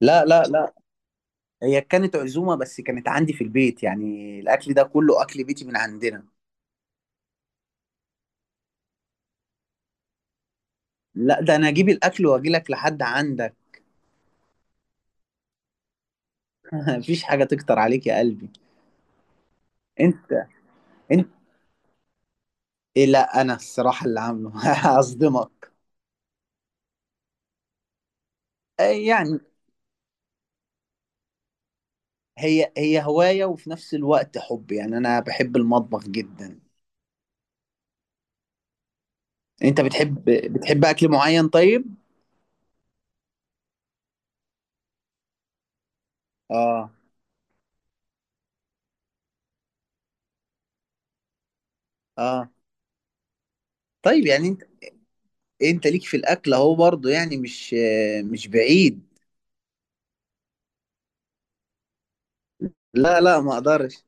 لا لا لا. هي كانت عزومة، بس كانت عندي في البيت، يعني الأكل ده كله أكل بيتي من عندنا. لا، ده أنا أجيب الأكل وأجي لك لحد عندك. مفيش حاجة تكتر عليك يا قلبي. أنت. أنت. إيه؟ لا، أنا الصراحة اللي عامله. هصدمك. آه، يعني هي هواية، وفي نفس الوقت حب، يعني أنا بحب المطبخ جدا. أنت بتحب. بتحب أكل معين طيب؟ آه. آه. طيب، يعني أنت ليك في الأكل أهو، برضه يعني مش بعيد لا لا، ما أقدرش.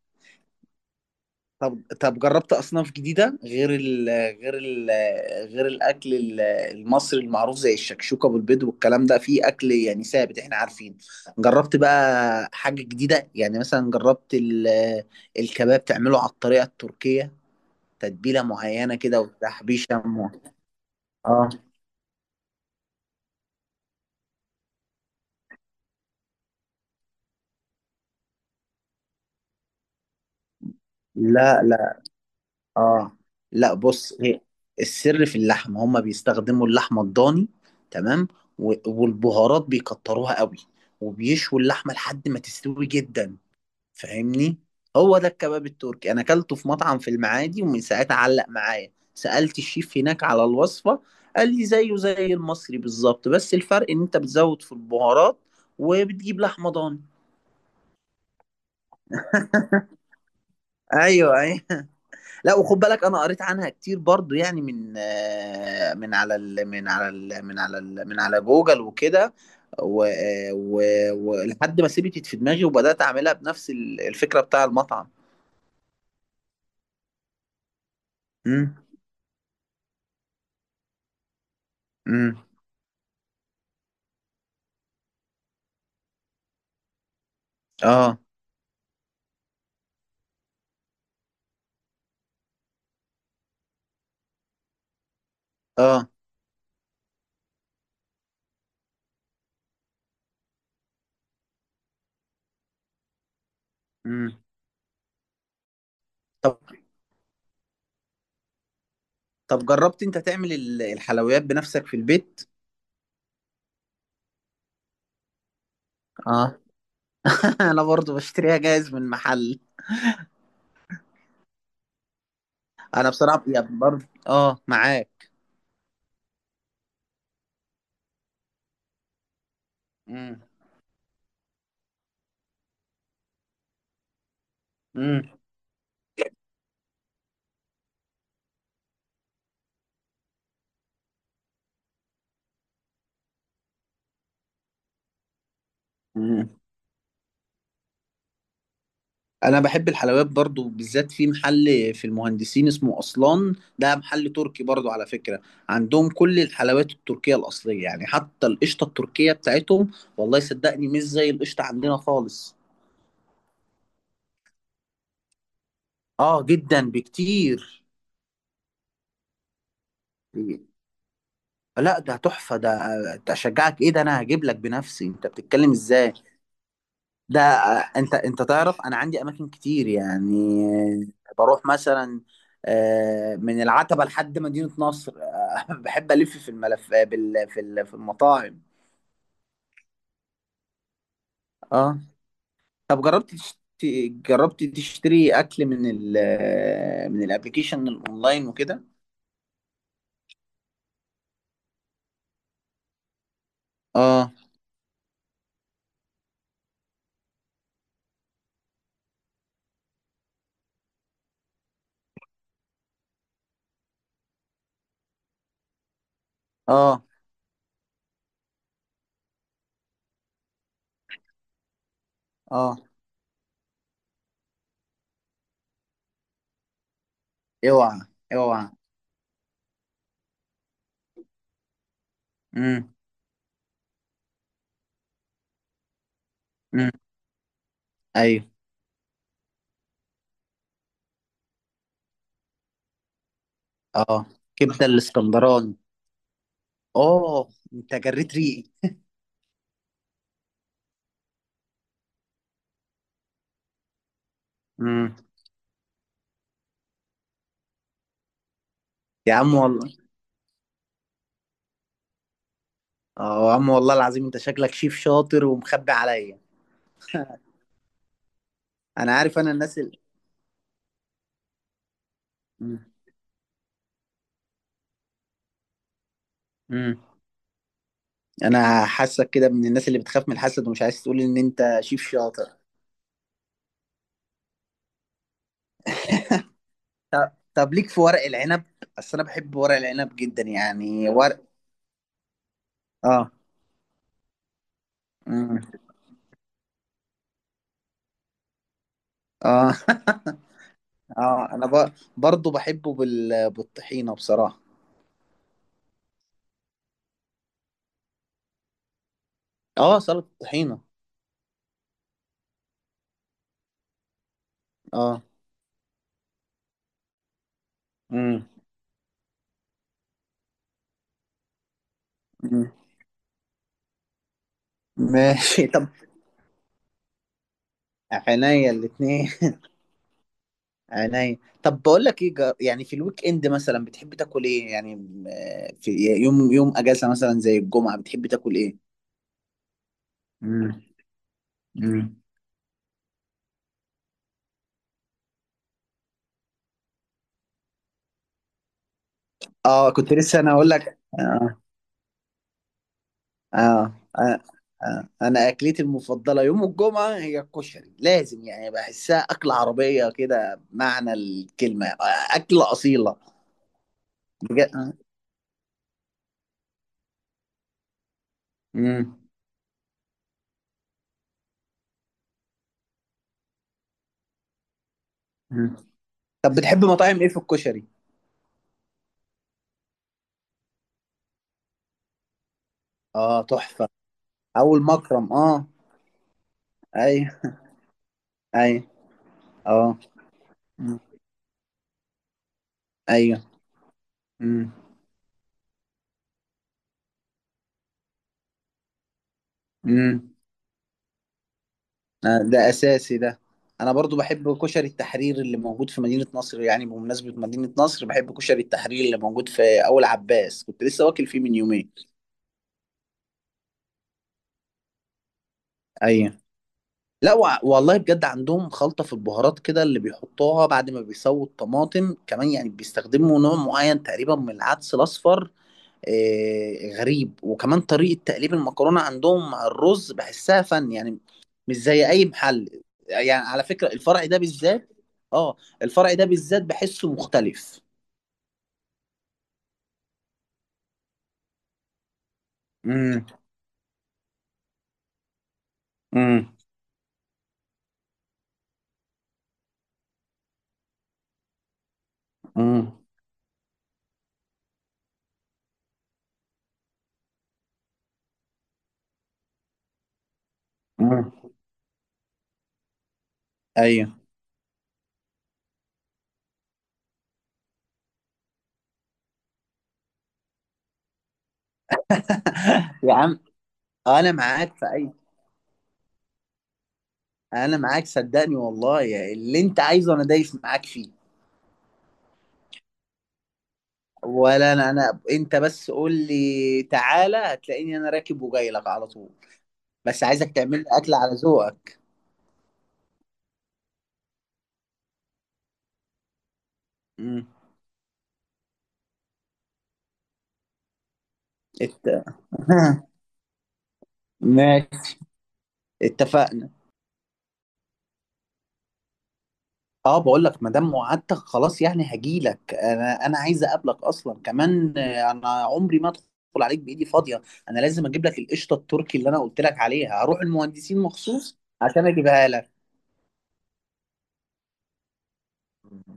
طب طب، جربت اصناف جديده غير ال غير الاكل المصري المعروف زي الشكشوكه بالبيض والكلام ده، في اكل يعني ثابت احنا عارفين. جربت بقى حاجه جديده؟ يعني مثلا جربت الكباب تعمله على الطريقه التركيه، تتبيله معينه كده وتحبيشه اه. لا لا. اه. لا، بص، هي السر في اللحمه، هما بيستخدموا اللحمه الضاني، تمام. والبهارات بيكتروها قوي، وبيشوا اللحمه لحد ما تستوي جدا، فاهمني؟ هو ده الكباب التركي، انا اكلته في مطعم في المعادي، ومن ساعتها علق معايا. سالت الشيف هناك على الوصفه، قال لي زيه زي المصري بالظبط، بس الفرق ان انت بتزود في البهارات وبتجيب لحمه ضاني. ايوه ايوه. لا، وخد بالك، انا قريت عنها كتير برضو، يعني من على ال من على ال من على جوجل وكده. ولحد و- آه، و- ولحد ما سيبت في دماغي وبدات اعملها بنفس الفكره بتاع المطعم. امم. امم. اه. اه. امم. طب طب، جربت انت تعمل الحلويات بنفسك في البيت؟ اه. انا برضو بشتريها جاهز من محل. انا بصراحه، يا برضو، اه، معاك. امم. امم. انا بحب الحلويات برضو، بالذات في محل في المهندسين اسمه اصلان، ده محل تركي برضو على فكرة. عندهم كل الحلويات التركية الاصلية، يعني حتى القشطة التركية بتاعتهم، والله صدقني مش زي القشطة عندنا خالص. اه، جدا بكتير. لا، ده تحفة ده. ده اشجعك ايه؟ ده انا هجيب لك بنفسي، انت بتتكلم ازاي؟ ده انت تعرف انا عندي اماكن كتير، يعني بروح مثلا من العتبة لحد مدينة نصر، بحب الف في الملف في المطاعم. اه. طب، جربت تشتري اكل من ال آه، من الابلكيشن الاونلاين وكده. اه. اه. اه. اوعى. اوعى. امم. امم. ايوه. اه، كبدة الاسكندراني. اه، انت جريت ريقي. امم. يا عم والله. اه، يا عم والله العظيم، انت شكلك شيف شاطر ومخبي عليا. انا عارف، انا الناس مم. مم. انا حاسك كده من الناس اللي بتخاف من الحسد ومش عايز تقول ان انت شيف شاطر. طب ليك في ورق العنب؟ اصل انا بحب ورق العنب جدا، يعني ورق. اه. مم. اه. اه، انا برضو بحبه بالطحينه بصراحه. اه، سلطه الطحينه. اه. امم. ماشي طب. عينيا الاتنين. عينيا. طب بقول لك ايه، يعني في الويك اند مثلا بتحب تاكل ايه؟ يعني في يوم يوم اجازه مثلا زي الجمعه بتحب تاكل ايه؟ امم. امم. اه، كنت لسه انا اقول لك. آه. آه. آه. آه. انا اكلتي المفضله يوم الجمعه هي الكشري، لازم، يعني بحسها اكله عربيه كده بمعنى الكلمه، اكله اصيله. بجد. آه. مم. مم. طب بتحب مطاعم ايه في الكشري؟ اه، تحفه. اول مكرم، اه. اي. اي. اه. ايوه. امم. امم. ده اساسي ده. انا برضو بحب كشري التحرير اللي موجود في مدينة نصر، يعني بمناسبة مدينة نصر بحب كشري التحرير اللي موجود في اول عباس، كنت لسه واكل فيه من يومين. ايوه. لا، والله بجد عندهم خلطة في البهارات كده اللي بيحطوها بعد ما بيسووا الطماطم كمان، يعني بيستخدموا نوع معين تقريبا من العدس الاصفر، غريب وكمان طريقة تقليب المكرونة عندهم مع الرز بحسها فن يعني، مش زي أي محل، يعني على فكرة الفرع ده بالذات. اه. الفرع ده بالذات بحسه مختلف. امم. امم. امم. امم. ايوه. يا عم، انا معاك في اي. انا معاك صدقني والله، يا اللي انت عايزه انا دايس معاك فيه. ولا انا، انت بس قول لي تعالى، هتلاقيني انا راكب وجاي لك على طول. بس عايزك تعمل لي اكل على ذوقك. امم. ماشي، اتفقنا. اه، بقول لك ما دام وعدتك خلاص، يعني هجي لك، انا عايز اقابلك اصلا، كمان انا عمري ما ادخل عليك بايدي فاضيه. انا لازم اجيب لك القشطه التركي اللي انا قلت لك عليها، هروح المهندسين مخصوص عشان اجيبها لك.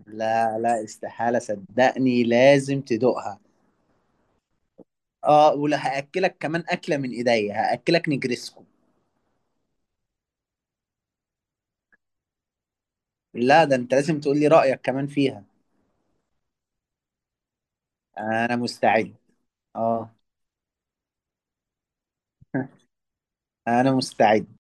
لا لا، استحاله، صدقني لازم تدوقها. اه، ولا هاكلك كمان اكله من ايديا، هاكلك نجرسكو. لا، ده انت لازم تقول لي رايك كمان فيها. انا مستعد. اه. انا مستعد.